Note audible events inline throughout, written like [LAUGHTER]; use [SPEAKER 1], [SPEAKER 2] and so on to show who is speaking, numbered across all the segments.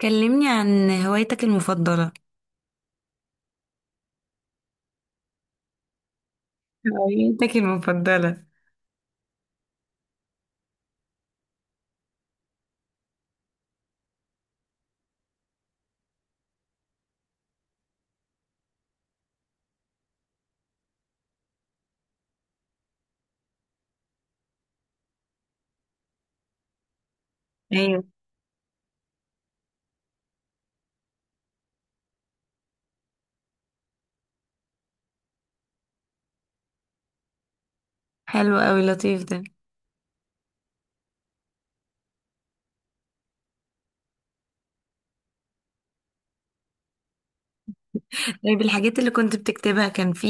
[SPEAKER 1] كلمني عن هوايتك المفضلة. هوايتك المفضلة؟ ايوه. حلو قوي، لطيف ده. طيب الحاجات اللي كنت بتكتبها، كان في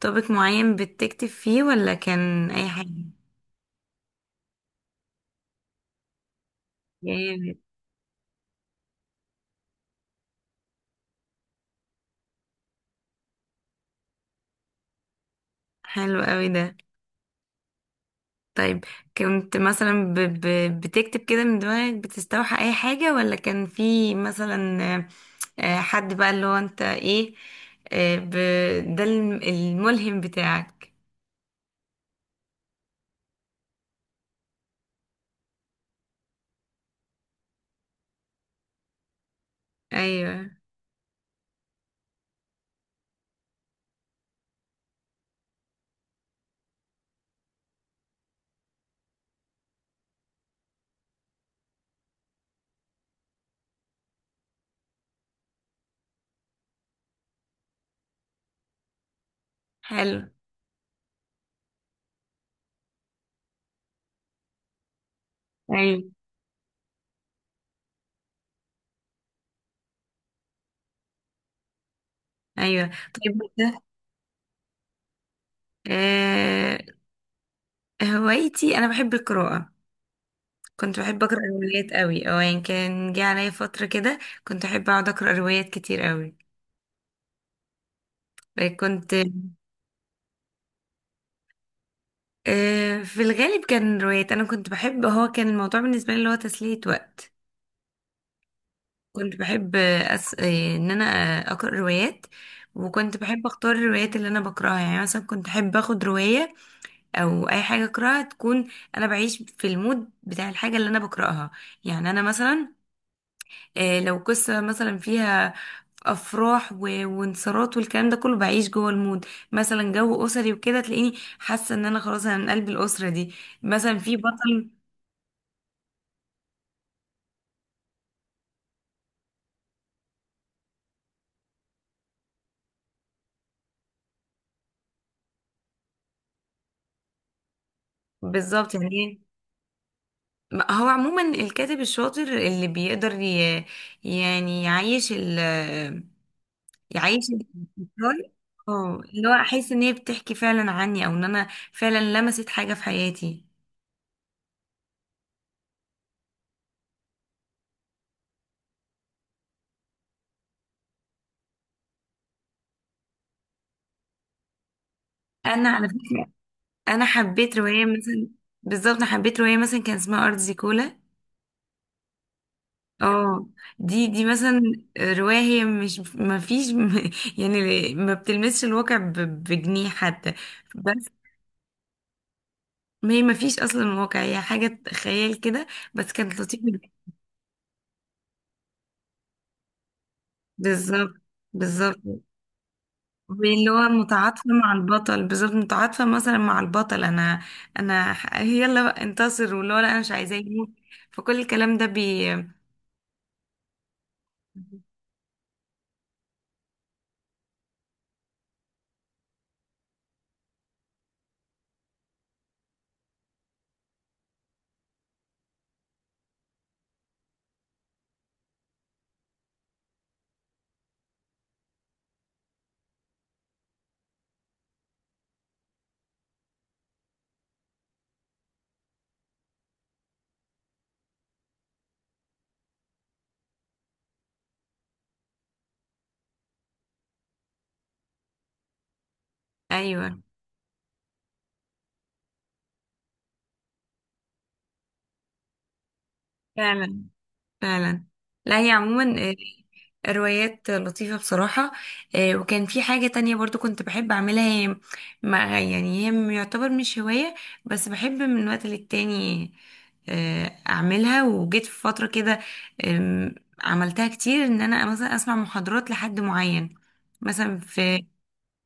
[SPEAKER 1] توبيك معين بتكتب فيه ولا كان اي حاجة؟ جامد. حلو قوي ده. طيب كنت مثلا بتكتب كده من دماغك، بتستوحى اي حاجة، ولا كان في مثلا حد بقى اللي هو انت ايه، آه، ب... ده الملهم بتاعك؟ ايوه. حلو. ايوه. ايوه. طيب آه، هوايتي انا بحب القراءة. كنت بحب اقرا روايات قوي، او يعني كان جه عليا فترة كده كنت احب اقعد اقرا روايات كتير قوي. كنت في الغالب كان روايات. انا كنت بحب، هو كان الموضوع بالنسبة لي اللي هو تسلية وقت. كنت بحب أس... آه، ان انا اقرا روايات. وكنت بحب اختار الروايات اللي انا بقراها، يعني مثلا كنت احب اخد رواية او اي حاجة اقراها تكون، انا بعيش في المود بتاع الحاجة اللي انا بقراها. يعني انا مثلا لو قصة مثلا فيها أفراح وانتصارات والكلام ده كله، بعيش جوه المود. مثلا جو أسري وكده تلاقيني حاسة إن أنا خلاص أنا من قلب الأسرة دي. مثلا في بطل. بالظبط. يعني هو عموما الكاتب الشاطر اللي بيقدر يعني يعيش يعيش الأفكار. اه اللي هو أحس إن هي بتحكي فعلا عني، أو إن أنا فعلا لمست حاجة في حياتي. أنا على فكرة أنا حبيت رواية مثلا. بالظبط. أنا حبيت رواية مثلا كان اسمها أرض زيكولا. اه دي مثلا رواية، هي مش، ما فيش [LAUGHS] يعني ما بتلمسش الواقع بجنيه حتى. بس ما هي ما فيش اصلا واقع، هي حاجة خيال كده، بس كانت لطيفة جداً. بالظبط. بالظبط. اللي هو متعاطفة مع البطل، بالظبط متعاطفة مثلا مع البطل. انا انا يلا بقى انتصر، واللي هو لا انا مش عايزاه يموت. فكل الكلام ده. ايوه. فعلا. فعلا. لا هي عموما روايات لطيفة بصراحة. وكان في حاجة تانية برضو كنت بحب أعملها. هي مع، يعني هي يعتبر مش هواية، بس بحب من وقت للتاني أعملها. وجيت في فترة كده آم، عملتها كتير، إن أنا مثلا أسمع محاضرات لحد معين، مثلا في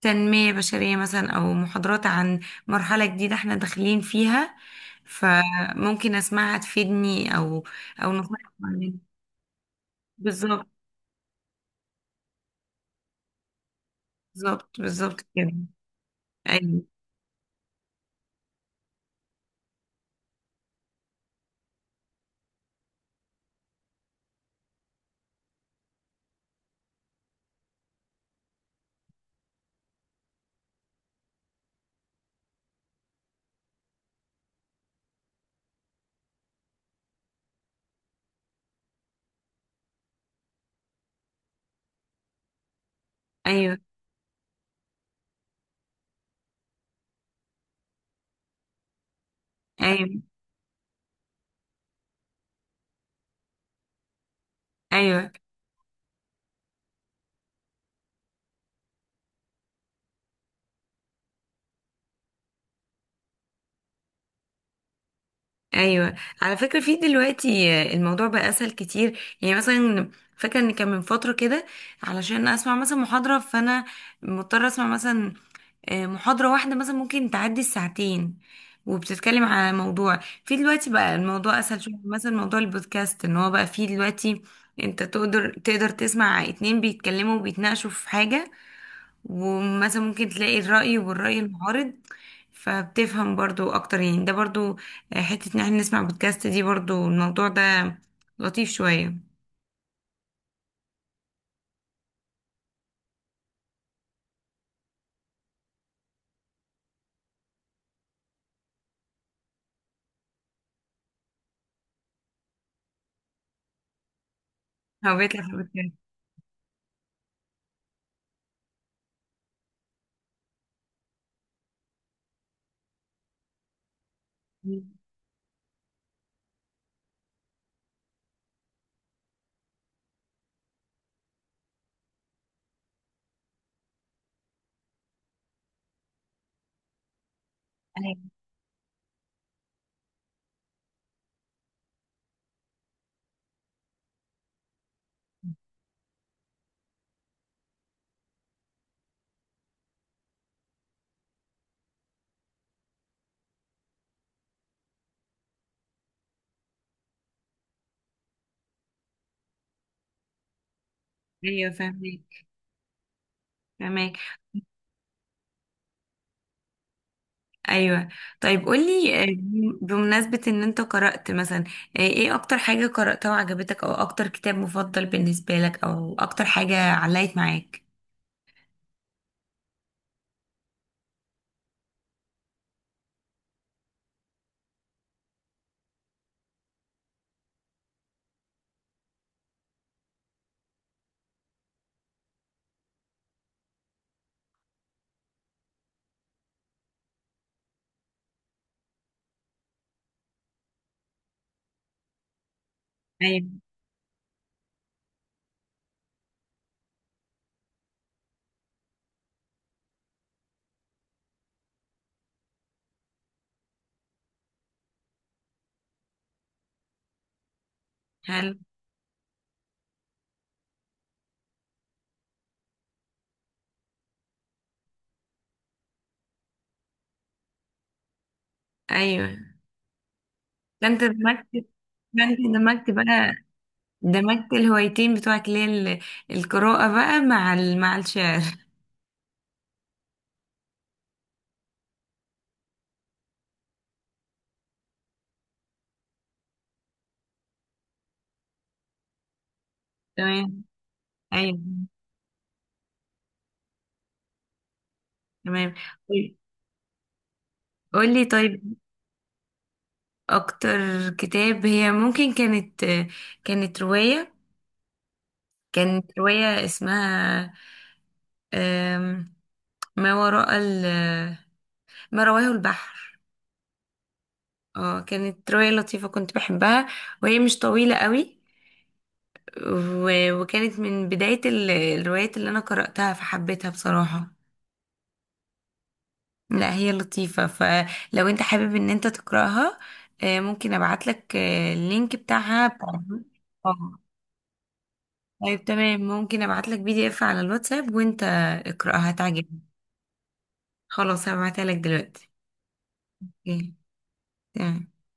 [SPEAKER 1] تنمية بشرية، مثلا أو محاضرات عن مرحلة جديدة احنا داخلين فيها، فممكن أسمعها تفيدني، أو أو نصيحة معينة. بالظبط. بالظبط بالظبط كده. ايوه. ايوه. ايوه. ايوه. ايوه. على فكره في دلوقتي الموضوع بقى اسهل كتير. يعني مثلا، فاكره ان كان من فتره كده علشان اسمع مثلا محاضره، فانا مضطره اسمع مثلا محاضره واحده مثلا ممكن تعدي الساعتين، وبتتكلم على موضوع. في دلوقتي بقى الموضوع اسهل شويه، مثلا موضوع البودكاست، ان هو بقى فيه دلوقتي انت تقدر تسمع اتنين بيتكلموا وبيتناقشوا في حاجه، ومثلا ممكن تلاقي الرأي والرأي المعارض، فبتفهم برضو اكتر. يعني ده برضو حتة ان احنا نسمع بودكاست، دي برضو الموضوع ده لطيف شوية. هو بيطلع في البودكاست. ايوه. أيوة، فاهمك. فاهمك. ايوه. طيب قولي بمناسبة ان انت قرأت مثلا ايه اكتر حاجة قرأتها وعجبتك، او اكتر كتاب مفضل بالنسبة لك، او اكتر حاجة علقت معاك؟ ايوه. هل ايوه. ده انت دمجت ده انت دمجت بقى، دمجت الهوايتين بتوعك اللي هي القراءة بقى مع مع الشعر. تمام. ايوه. تمام. قول- قولي. طيب اكتر كتاب، هي ممكن كانت كانت رواية كانت رواية اسمها أم، ما وراء ال... ما رواه البحر. اه كانت رواية لطيفة كنت بحبها، وهي مش طويلة قوي، وكانت من بداية الروايات اللي انا قرأتها، فحبيتها بصراحة. لا هي لطيفة، فلو انت حابب ان انت تقرأها ممكن ابعتلك اللينك بتاعها. اه طيب تمام، ممكن ابعتلك PDF على الواتساب وانت اقرأها تعجبك. خلاص هبعتها لك دلوقتي. اوكي، تمام.